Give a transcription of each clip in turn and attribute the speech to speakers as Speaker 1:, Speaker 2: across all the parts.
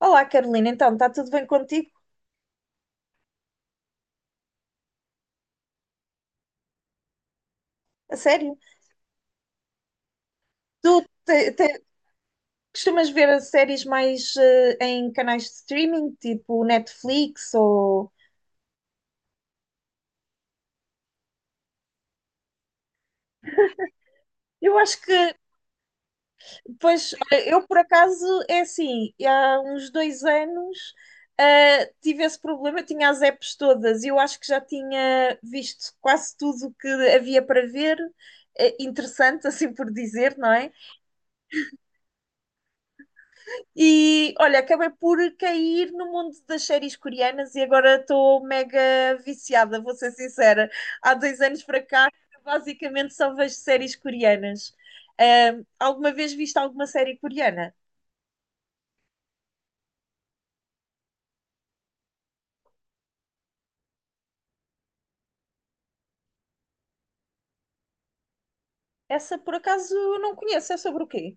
Speaker 1: Olá, Carolina, então, está tudo bem contigo? A sério? Tu te- te- costumas ver as séries mais em canais de streaming, tipo Netflix ou... Eu acho que, pois, olha, eu por acaso, é assim, há uns 2 anos tive esse problema, eu tinha as apps todas, e eu acho que já tinha visto quase tudo o que havia para ver, interessante, assim por dizer, não é? E olha, acabei por cair no mundo das séries coreanas e agora estou mega viciada, vou ser sincera. Há 2 anos para cá, basicamente só vejo séries coreanas. Alguma vez viste alguma série coreana? Essa por acaso eu não conheço, é sobre o quê?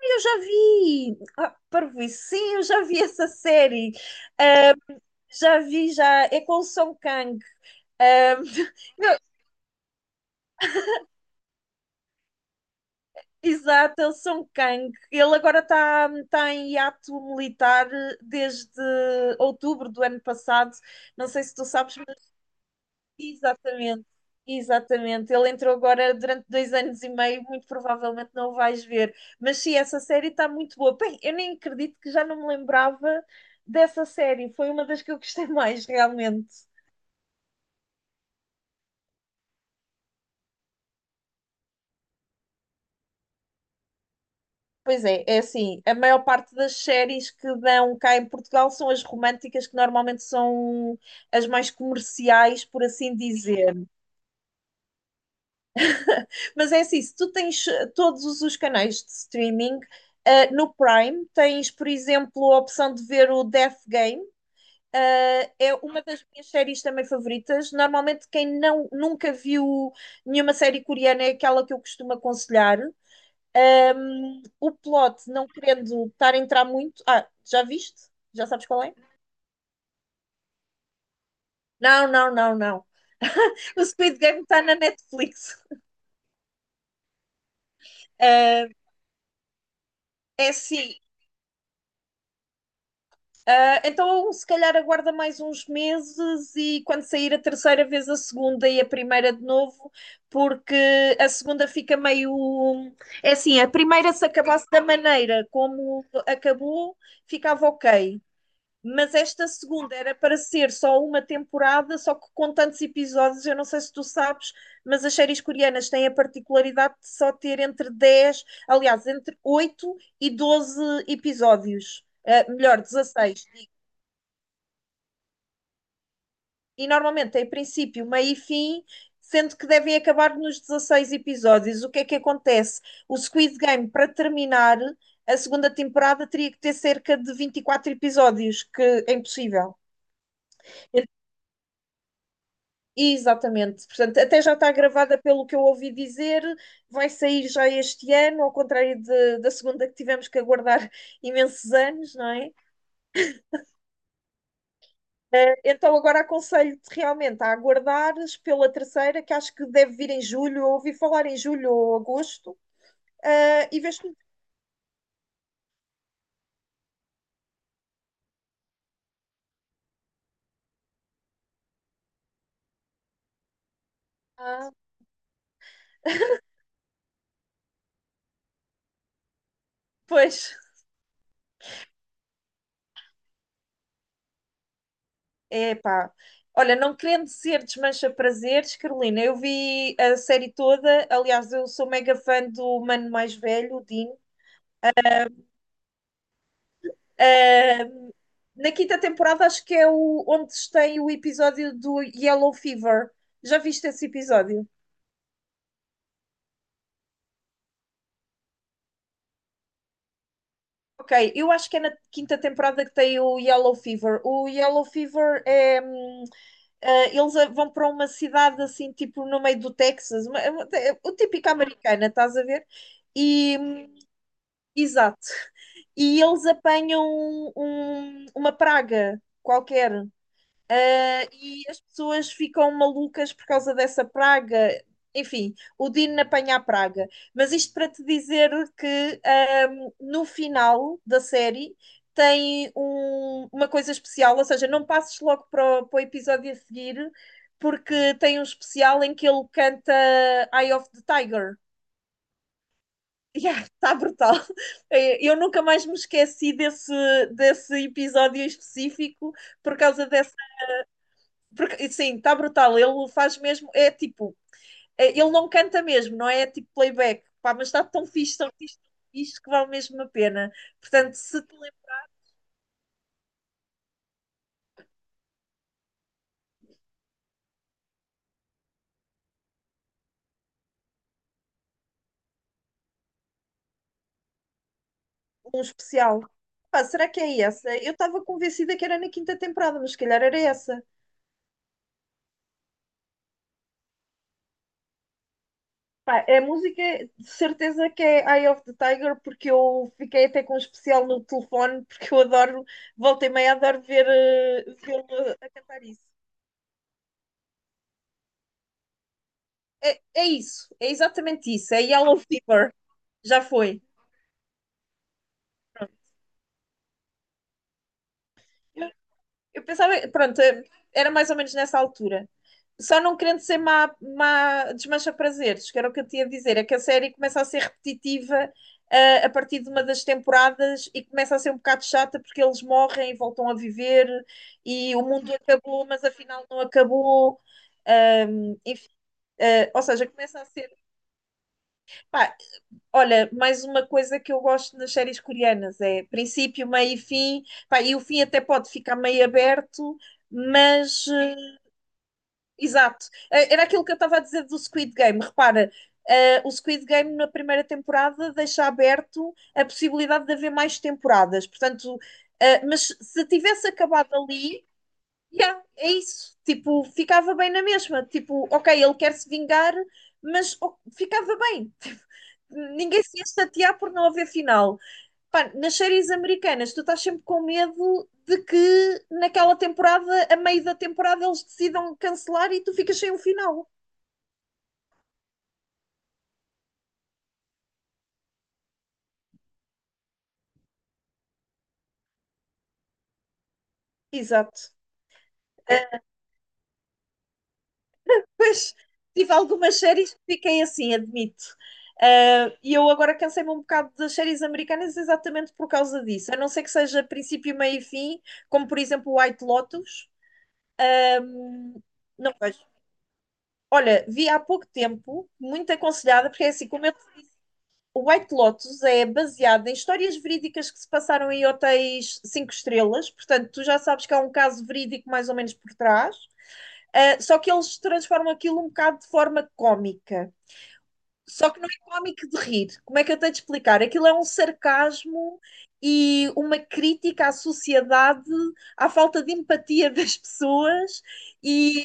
Speaker 1: Eu já vi! Ah, parvoíce, sim, eu já vi essa série. Ahm, já vi, já. É com o Song Kang. Ahm, não, exato, é o Song Kang. Ele agora está tá em hiato militar desde outubro do ano passado. Não sei se tu sabes, mas exatamente, exatamente. Ele entrou agora durante 2 anos e meio, muito provavelmente não o vais ver. Mas sim, essa série está muito boa. Bem, eu nem acredito que já não me lembrava dessa série. Foi uma das que eu gostei mais, realmente. Pois é, é assim, a maior parte das séries que dão cá em Portugal são as românticas, que normalmente são as mais comerciais, por assim dizer. Mas é assim, se tu tens todos os canais de streaming, ah, no Prime tens, por exemplo, a opção de ver o Death Game, ah, é uma das minhas séries também favoritas. Normalmente quem não, nunca viu nenhuma série coreana é aquela que eu costumo aconselhar. O plot, não querendo estar a entrar muito. Ah, já viste? Já sabes qual é? Não, não, não, não. O Squid Game está na Netflix. Uh, é assim. Então, se calhar aguarda mais uns meses e quando sair a terceira vez, a segunda e a primeira de novo, porque a segunda fica meio. É assim, a primeira, se acabasse da maneira como acabou, ficava ok. Mas esta segunda era para ser só uma temporada, só que com tantos episódios, eu não sei se tu sabes, mas as séries coreanas têm a particularidade de só ter entre 10, aliás, entre 8 e 12 episódios, melhor, 16. E normalmente tem princípio, meio e fim, sendo que devem acabar nos 16 episódios. O que é que acontece? O Squid Game, para terminar, a segunda temporada teria que ter cerca de 24 episódios, que é impossível. Exatamente, portanto, até já está gravada pelo que eu ouvi dizer, vai sair já este ano, ao contrário da segunda que tivemos que aguardar imensos anos, não é? Então agora aconselho-te realmente a aguardares pela terceira, que acho que deve vir em julho, eu ouvi falar em julho ou agosto, e vês tudo. Ah, pois, é pá. Olha, não querendo ser desmancha-prazeres, Carolina, eu vi a série toda, aliás, eu sou mega fã do mano mais velho, o Dean. Uh, na quinta temporada acho que é o, onde tem o episódio do Yellow Fever. Já viste esse episódio? Ok, eu acho que é na quinta temporada que tem o Yellow Fever. O Yellow Fever é. Eles vão para uma cidade assim, tipo no meio do Texas, é o típico americana, estás a ver? E, exato. E eles apanham uma praga qualquer. Ah, e as pessoas ficam malucas por causa dessa praga. Enfim, o Dino apanha a praga. Mas isto para te dizer que no final da série tem uma coisa especial, ou seja, não passes logo para o episódio a seguir, porque tem um especial em que ele canta Eye of the Tiger. Yeah, está brutal. Eu nunca mais me esqueci desse episódio específico por causa dessa porque, sim, está brutal. Ele faz mesmo, é tipo, ele não canta mesmo, não é tipo playback, pá, mas está tão fixe, tão fixe, tão fixe que vale mesmo a pena. Portanto, se te lembro de um especial, pá, será que é essa? Eu estava convencida que era na quinta temporada, mas se calhar era essa. Pá, é a música, de certeza que é Eye of the Tiger, porque eu fiquei até com um especial no telefone, porque eu adoro, volta e meia, adoro ver, vê-lo a cantar isso. É, é isso, é exatamente isso, é Yellow Fever, já foi. Pronto. Eu, eu pensava, pronto, era mais ou menos nessa altura. Só não querendo ser má, má desmancha prazeres, que era o que eu tinha a dizer, é que a série começa a ser repetitiva, a partir de uma das temporadas e começa a ser um bocado chata porque eles morrem e voltam a viver e o mundo acabou, mas afinal não acabou. Enfim, ou seja, começa a ser. Pá, olha, mais uma coisa que eu gosto nas séries coreanas é princípio, meio e fim. Pá, e o fim até pode ficar meio aberto, mas exato. Era aquilo que eu estava a dizer do Squid Game. Repara, o Squid Game na primeira temporada deixa aberto a possibilidade de haver mais temporadas. Portanto, mas se tivesse acabado ali, yeah, é isso. Tipo, ficava bem na mesma. Tipo, ok, ele quer se vingar, mas oh, ficava bem ninguém se ia chatear por não haver final. Pá, nas séries americanas, tu estás sempre com medo de que naquela temporada, a meio da temporada, eles decidam cancelar e tu ficas sem um final. Exato. Uh, pois, tive algumas séries que fiquei assim, admito. E eu agora cansei-me um bocado das séries americanas exatamente por causa disso. A não ser que seja princípio, meio e fim, como por exemplo White Lotus. Não vejo. Olha, vi há pouco tempo, muito aconselhada, porque é assim, como eu o White Lotus é baseado em histórias verídicas que se passaram em hotéis cinco estrelas, portanto, tu já sabes que há um caso verídico mais ou menos por trás, ah, só que eles transformam aquilo um bocado de forma cómica. Só que não é cómico de rir. Como é que eu tenho de explicar? Aquilo é um sarcasmo e uma crítica à sociedade, à falta de empatia das pessoas e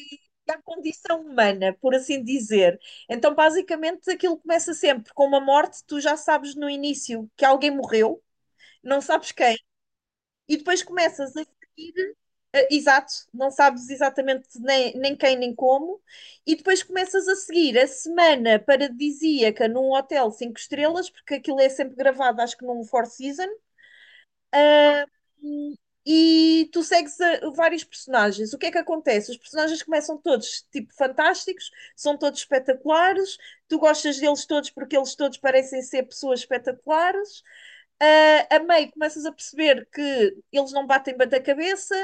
Speaker 1: à condição humana, por assim dizer. Então, basicamente, aquilo começa sempre com uma morte, tu já sabes no início que alguém morreu, não sabes quem, e depois começas a seguir. Exato, não sabes exatamente nem quem nem como, e depois começas a seguir a semana paradisíaca num hotel cinco estrelas, porque aquilo é sempre gravado, acho que num Four Seasons, e tu segues vários personagens. O que é que acontece? Os personagens começam todos, tipo, fantásticos, são todos espetaculares, tu gostas deles todos porque eles todos parecem ser pessoas espetaculares. Ah, a meio começas a perceber que eles não batem bem cabeça.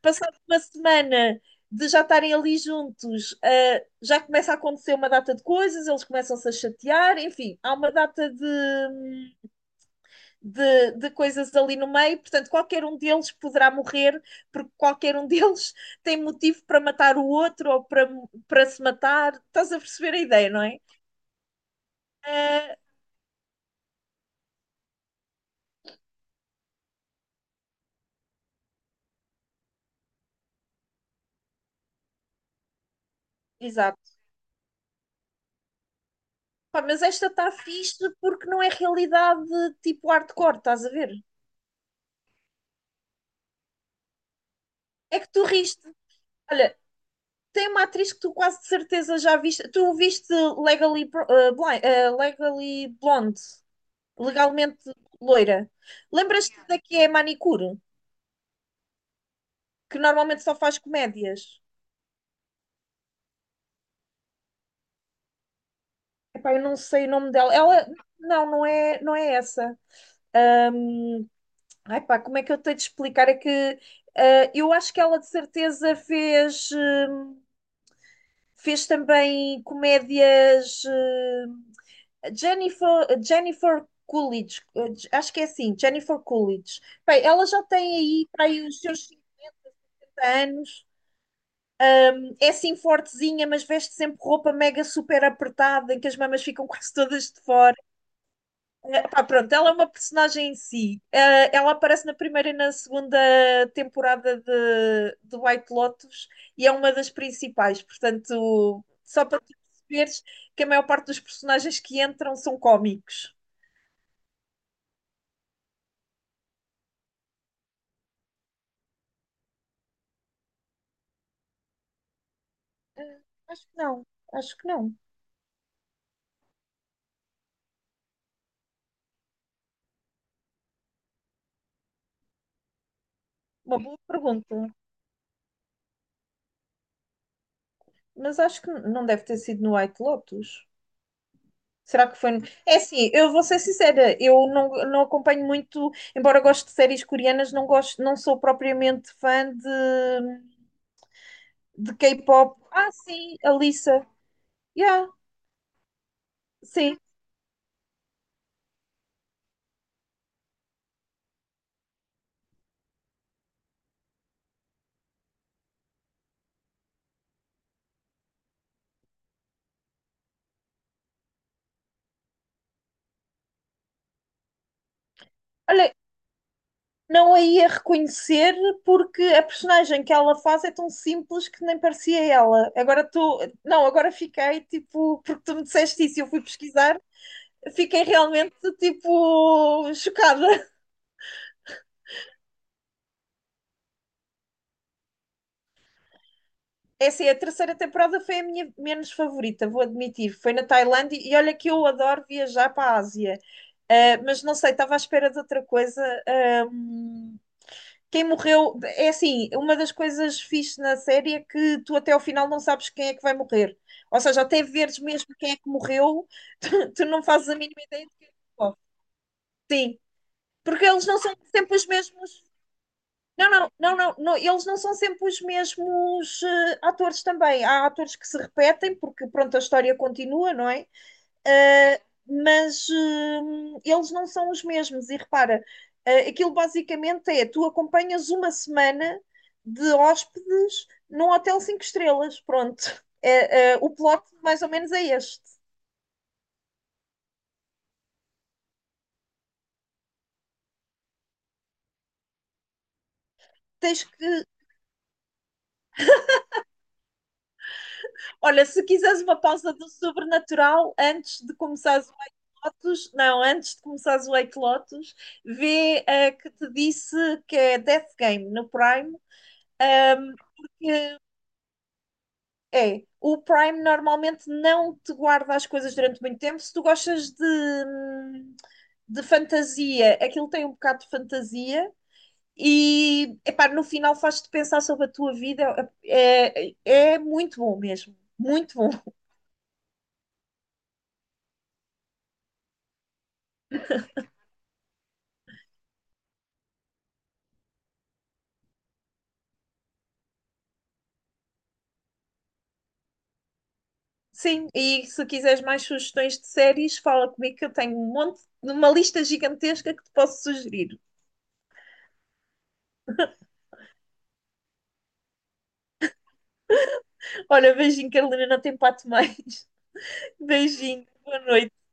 Speaker 1: Passado uma semana de já estarem ali juntos, ah, já começa a acontecer uma data de coisas, eles começam-se a chatear, enfim, há uma data de coisas ali no meio, portanto, qualquer um deles poderá morrer, porque qualquer um deles tem motivo para matar o outro ou para se matar. Estás a perceber a ideia, não é? Uh, exato. Pá, mas esta está fixe porque não é realidade tipo hardcore, estás a ver? É que tu riste. Olha, tem uma atriz que tu quase de certeza já viste. Tu viste Legally, Blind, Legally Blonde, legalmente loira. Lembras-te da que é manicure? Que normalmente só faz comédias. Epá, eu não sei o nome dela. Ela, não, não é, não é essa. Ahm, ai pá, como é que eu tenho de explicar? É que ah, eu acho que ela de certeza fez, fez também comédias. Jennifer Coolidge, acho que é assim, Jennifer Coolidge. Bem, ela já tem aí, para aí os seus 50 anos, é assim fortezinha, mas veste sempre roupa mega super apertada, em que as mamas ficam quase todas de fora. Pá, pronto, ela é uma personagem em si. Ela aparece na primeira e na segunda temporada de White Lotus e é uma das principais. Portanto, só para tu perceberes que a maior parte dos personagens que entram são cómicos. Eh, Acho que não, acho que não. Uma boa pergunta, mas acho que não deve ter sido no White Lotus. Será que foi? É assim, eu vou ser sincera, eu não acompanho muito, embora goste de séries coreanas, não gosto, não sou propriamente fã de K-pop. Ah, sim, a Lisa. Yeah, sim. Olha, não a ia reconhecer porque a personagem que ela faz é tão simples que nem parecia ela. Agora estou. Não, agora fiquei tipo, porque tu me disseste isso e eu fui pesquisar, fiquei realmente tipo chocada. É assim, a terceira temporada foi a minha menos favorita, vou admitir. Foi na Tailândia e olha que eu adoro viajar para a Ásia. Ah, mas não sei, estava à espera de outra coisa. Ah, quem morreu. É assim, uma das coisas fixe na série é que tu até ao final não sabes quem é que vai morrer. Ou seja, até veres mesmo quem é que morreu, tu não fazes a mínima ideia de quem é que morreu. Sim, porque eles não são sempre os mesmos. Não, não, não, não, não, eles não são sempre os mesmos atores também. Há atores que se repetem, porque pronto, a história continua, não é? Eh, mas eles não são os mesmos. E repara, aquilo basicamente é: tu acompanhas uma semana de hóspedes num hotel cinco estrelas. Pronto. O plot mais ou menos é este. Tens que. Olha, se quiseres uma pausa do sobrenatural antes de começares o White Lotus, não, antes de começares o White Lotus, vê a que te disse que é Death Game no Prime. ahm, que é, o Prime normalmente não te guarda as coisas durante muito tempo. Se tu gostas de fantasia, aquilo tem um bocado de fantasia. E epá, no final faz-te pensar sobre a tua vida. É, muito bom mesmo, muito bom. Sim, e se quiseres mais sugestões de séries, fala comigo que eu tenho um monte, uma lista gigantesca que te posso sugerir. Olha, beijinho, Carolina, não tem pato mais. Beijinho, boa noite.